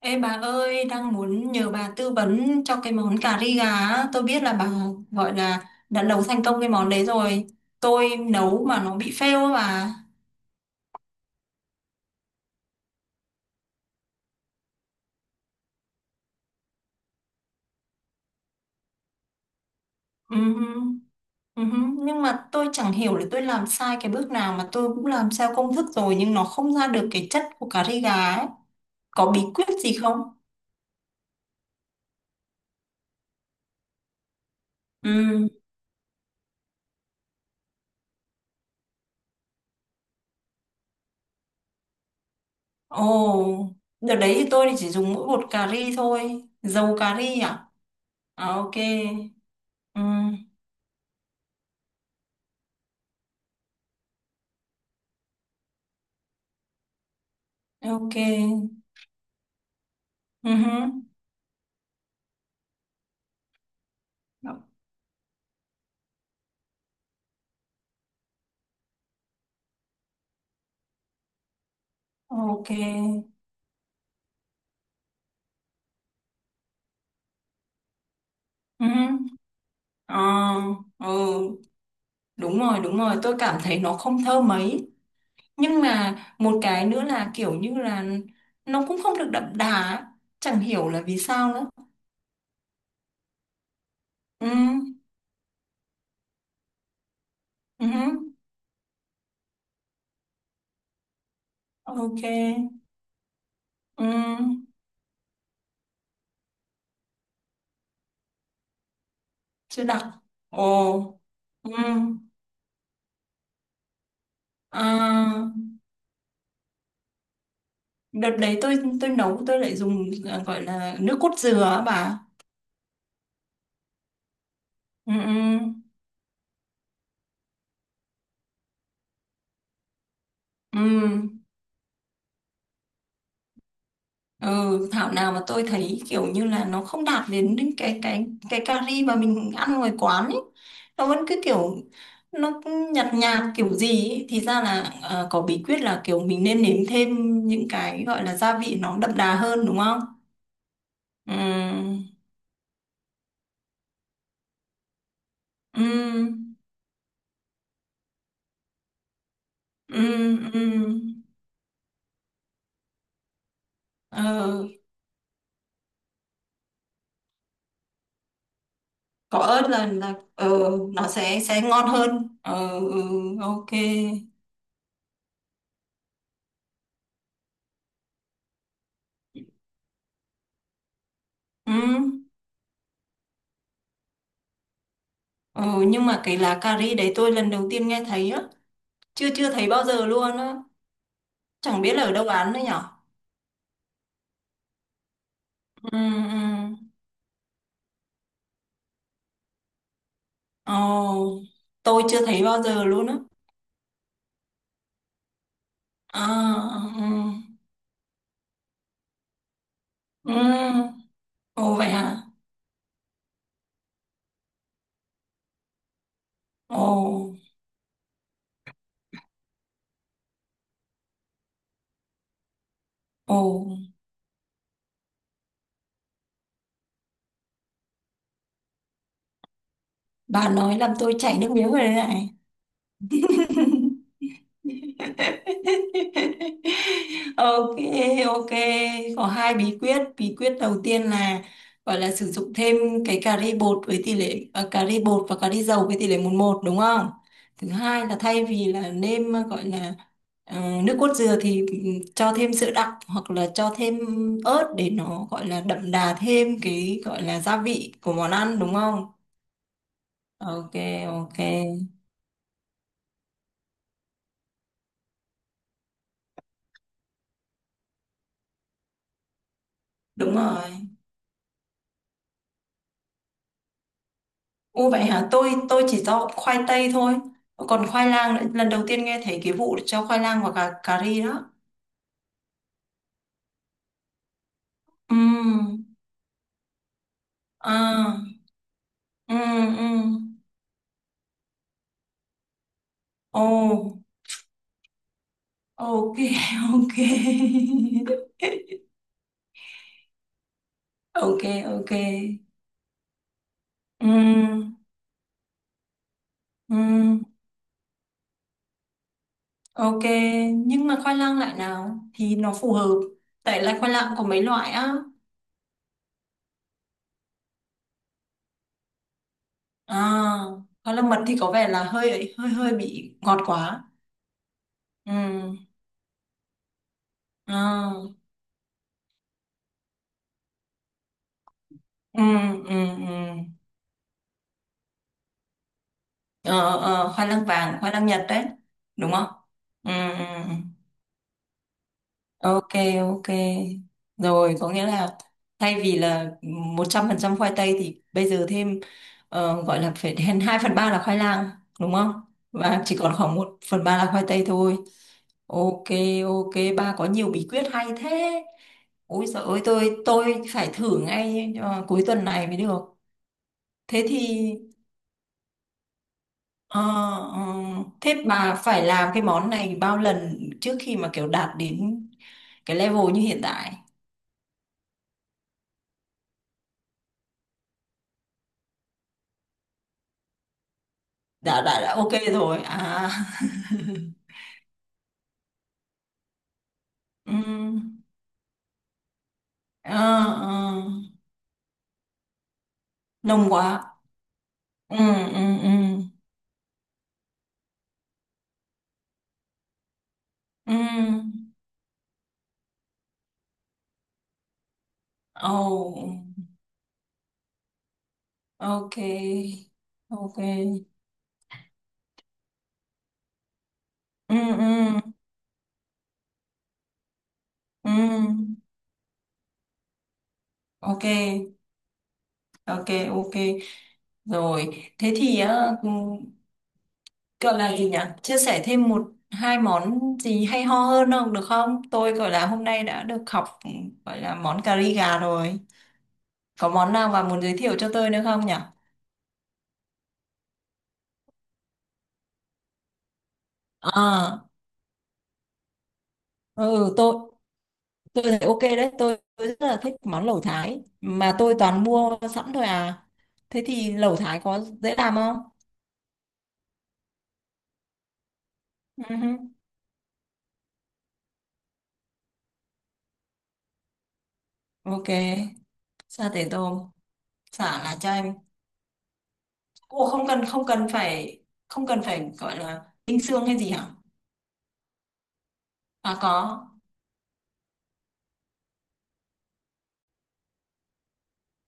Ê bà ơi, đang muốn nhờ bà tư vấn cho cái món cà ri gà á. Tôi biết là bà gọi là đã nấu thành công cái món đấy rồi. Tôi nấu mà nó bị fail á bà. Ừm, Nhưng mà tôi chẳng hiểu là tôi làm sai cái bước nào mà tôi cũng làm theo công thức rồi nhưng nó không ra được cái chất của cà ri gà ấy. Có bí quyết gì không? Ừm. Ồ. Đợt đấy thì tôi chỉ dùng mỗi bột cà ri thôi. Dầu cà ri à? À, ok. Ừm. Ok. Ừm. Ok. Ừ. Ờ, ừ. Đúng rồi, đúng rồi. Tôi cảm thấy nó không thơm mấy. Nhưng mà một cái nữa là kiểu như là nó cũng không được đậm đà ấy. Chẳng hiểu là vì sao nữa. Ừ. Ừ. Ok. Ừ. Chưa đặc. Ồ. Ừ. À, đợt đấy tôi nấu tôi lại dùng gọi là nước cốt dừa á bà. Ừ. Ừ. Ừ. Ừ, thảo nào mà tôi thấy kiểu như là nó không đạt đến đến cái cà ri mà mình ăn ngoài quán ấy. Nó vẫn cứ kiểu nó cứ nhạt nhạt kiểu gì ấy. Thì ra là có bí quyết là kiểu mình nên nếm thêm những cái gọi là gia vị nó đậm đà hơn đúng không? Ừ. Ừ. Ừ. Ừ. Ờ, có ớt là nó sẽ ngon hơn. Ờ, ừ, ok. Ừ. Ờ, nhưng mà cái lá cà ri đấy tôi lần đầu tiên nghe thấy á, chưa chưa thấy bao giờ luôn á, chẳng biết là ở đâu bán nữa nhở. Ừ. Ừ. Ồ. Tôi chưa thấy bao giờ luôn á. À. Ừ. Ừ. Ồ, vậy hả. Ồ. Ồ. Bà nói làm tôi chảy nước miếng rồi đấy này. Ok. Ok. Có hai bí quyết. Bí quyết đầu tiên là gọi là sử dụng thêm cái cà ri bột với tỷ lệ cà ri bột và cà ri dầu với tỷ lệ 1-1, đúng không? Thứ hai là thay vì là nêm gọi là ờ, nước cốt dừa thì cho thêm sữa đặc hoặc là cho thêm ớt để nó gọi là đậm đà thêm cái gọi là gia vị của món ăn, đúng không? Ok. Ok. Đúng rồi. Ô, vậy hả? Tôi chỉ cho khoai tây thôi. Còn khoai lang lần đầu tiên nghe thấy cái vụ cho khoai lang và cà cà ri đó. Ừm. À. Ừm, ừm. Ồ. Ok. Ok. Ok, ok. Ừm, ừm. Ok, nhưng mà khoai lang loại nào thì nó phù hợp? Tại là khoai lang có mấy loại á. À, khoai lang mật thì có vẻ là hơi hơi hơi bị ngọt quá. Ừm. À. Ừ, ừ, ừ. Ờ, ờ, khoai lang vàng, khoai lang Nhật đấy, đúng không? Ừ, ừ, ừ. Ok. Ok. Rồi, có nghĩa là thay vì là 100% khoai tây thì bây giờ thêm gọi là phải đến 2/3 là khoai lang, đúng không? Và chỉ còn khoảng 1/3 là khoai tây thôi. Ok. Ok. Ba có nhiều bí quyết hay thế. Ôi giời ơi, tôi phải thử ngay cuối tuần này mới được. Thế thì. Ờ, ờ. Thế bà phải làm cái món này bao lần trước khi mà kiểu đạt đến cái level như hiện tại? Đã ok rồi. À. Ừ. Ờ, ờ. Nồng quá. Ừ, ừ, ừ. Ừ. Oh. Ok. Ok. Ừ, ừ, ừ. Ok. Ok, ok. Rồi, thế thì á, ừ, gọi là gì nhỉ, chia sẻ thêm một hai món gì hay ho hơn không được không, tôi gọi là hôm nay đã được học, gọi là món cà ri gà rồi, có món nào mà muốn giới thiệu cho tôi nữa không nhỉ? À. Ừ. Tôi thấy ok đấy. Tôi rất là thích món lẩu thái mà tôi toàn mua sẵn thôi à. Thế thì lẩu thái có dễ làm không? Ừ, ok. Sa tế tôm. Xả là cho em. Ủa, không cần phải gọi là tinh xương hay gì hả? À, có.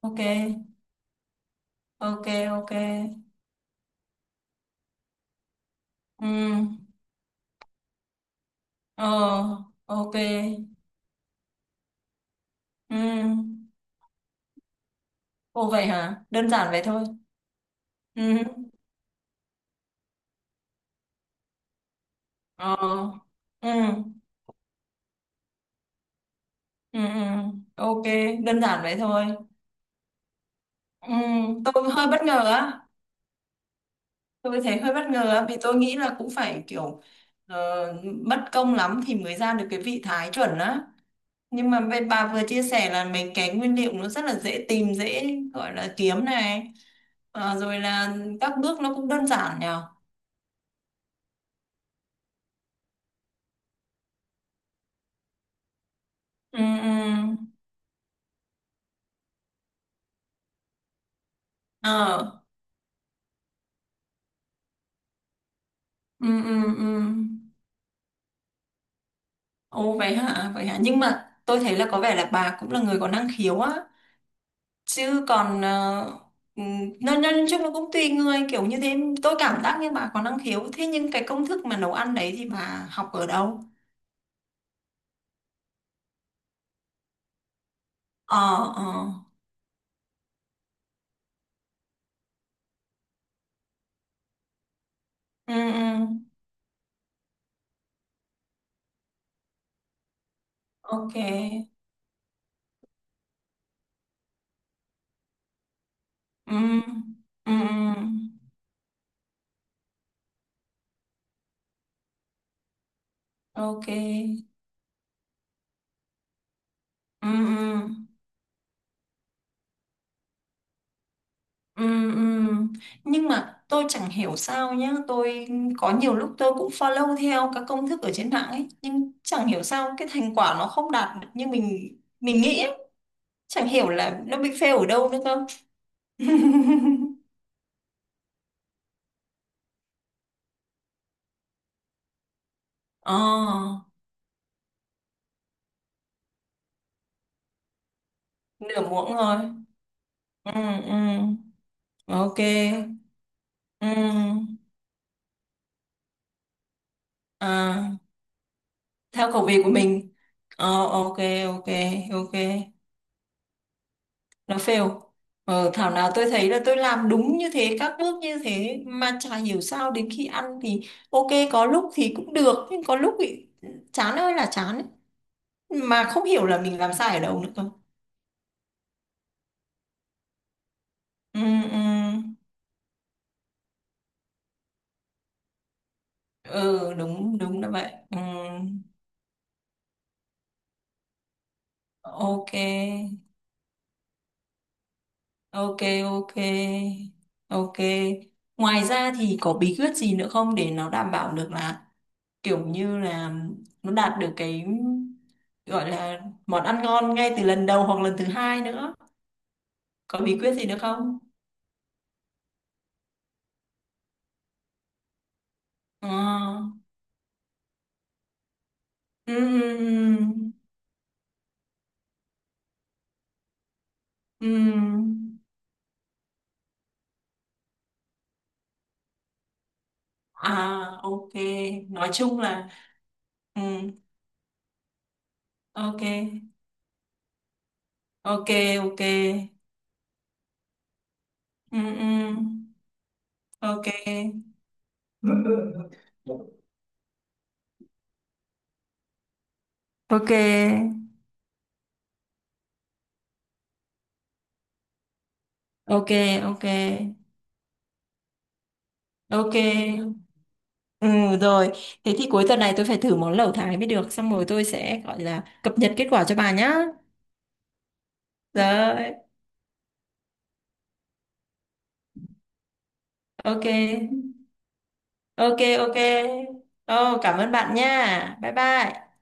Ok. Ok. Ok. Ừ. Ờ. Ok. Ừ. Ồ, vậy hả, đơn giản vậy thôi? Ừ. Ờ. Ừ, ừ, ừ. Ok, đơn giản vậy thôi. Ừ, tôi hơi bất ngờ á, tôi thấy hơi bất ngờ á, vì tôi nghĩ là cũng phải kiểu ờ, mất công lắm thì mới ra được cái vị thái chuẩn á. Nhưng mà bên bà vừa chia sẻ là mấy cái nguyên liệu nó rất là dễ tìm, dễ gọi là kiếm này. Ờ, rồi là các bước nó cũng đơn giản nhờ. Ừ, ừ. Ờ, ừ, ừ, ừ. Ồ, vậy hả, vậy hả. Nhưng mà tôi thấy là có vẻ là bà cũng là người có năng khiếu á. Chứ còn ừ, nó nói chung nó cũng tùy người kiểu như thế. Tôi cảm giác như bà có năng khiếu. Thế nhưng cái công thức mà nấu ăn đấy thì bà học ở đâu? Ờ, ờ. Ừ, ừ. Ok. Ừ, ừ, ừ. Ok. Ừ, ừ, ừ, ừ. Nhưng mà tôi chẳng hiểu sao nhá, tôi có nhiều lúc tôi cũng follow theo các công thức ở trên mạng ấy, nhưng chẳng hiểu sao cái thành quả nó không đạt được như mình nghĩ ấy. Chẳng hiểu là nó bị fail ở đâu nữa cơ. Ờ, nửa muỗng thôi. Ừ. Ừ. Ok. Ừ. À, theo khẩu vị của mình. Ờ, ok. Ok. Ok. Nó fail. Thảo nào tôi thấy là tôi làm đúng như thế, các bước như thế mà chả hiểu sao đến khi ăn thì ok, có lúc thì cũng được nhưng có lúc thì chán ơi là chán ấy. Mà không hiểu là mình làm sai ở đâu nữa cơ. Ừ, ừ. Ừ, đúng đúng là vậy. Ừ, ok. Ok, ok, ok. Ngoài ra thì có bí quyết gì nữa không để nó đảm bảo được là kiểu như là nó đạt được cái gọi là món ăn ngon ngay từ lần đầu hoặc lần thứ hai nữa? Có bí quyết gì nữa không? À, ừ, ừ, ừ, ừ. À, ok. Nói chung là ừ, ok, ok, ok. Ừ, ừ, ok. Ừ. Ok. Ok, ok, ok. Ừ, rồi, thế thì cuối tuần này tôi phải thử món lẩu Thái mới được, xong rồi tôi sẽ gọi là cập nhật kết quả cho bà nhá. Rồi. Ok. Ok. Ok. Oh, cảm ơn bạn nha, bye bye.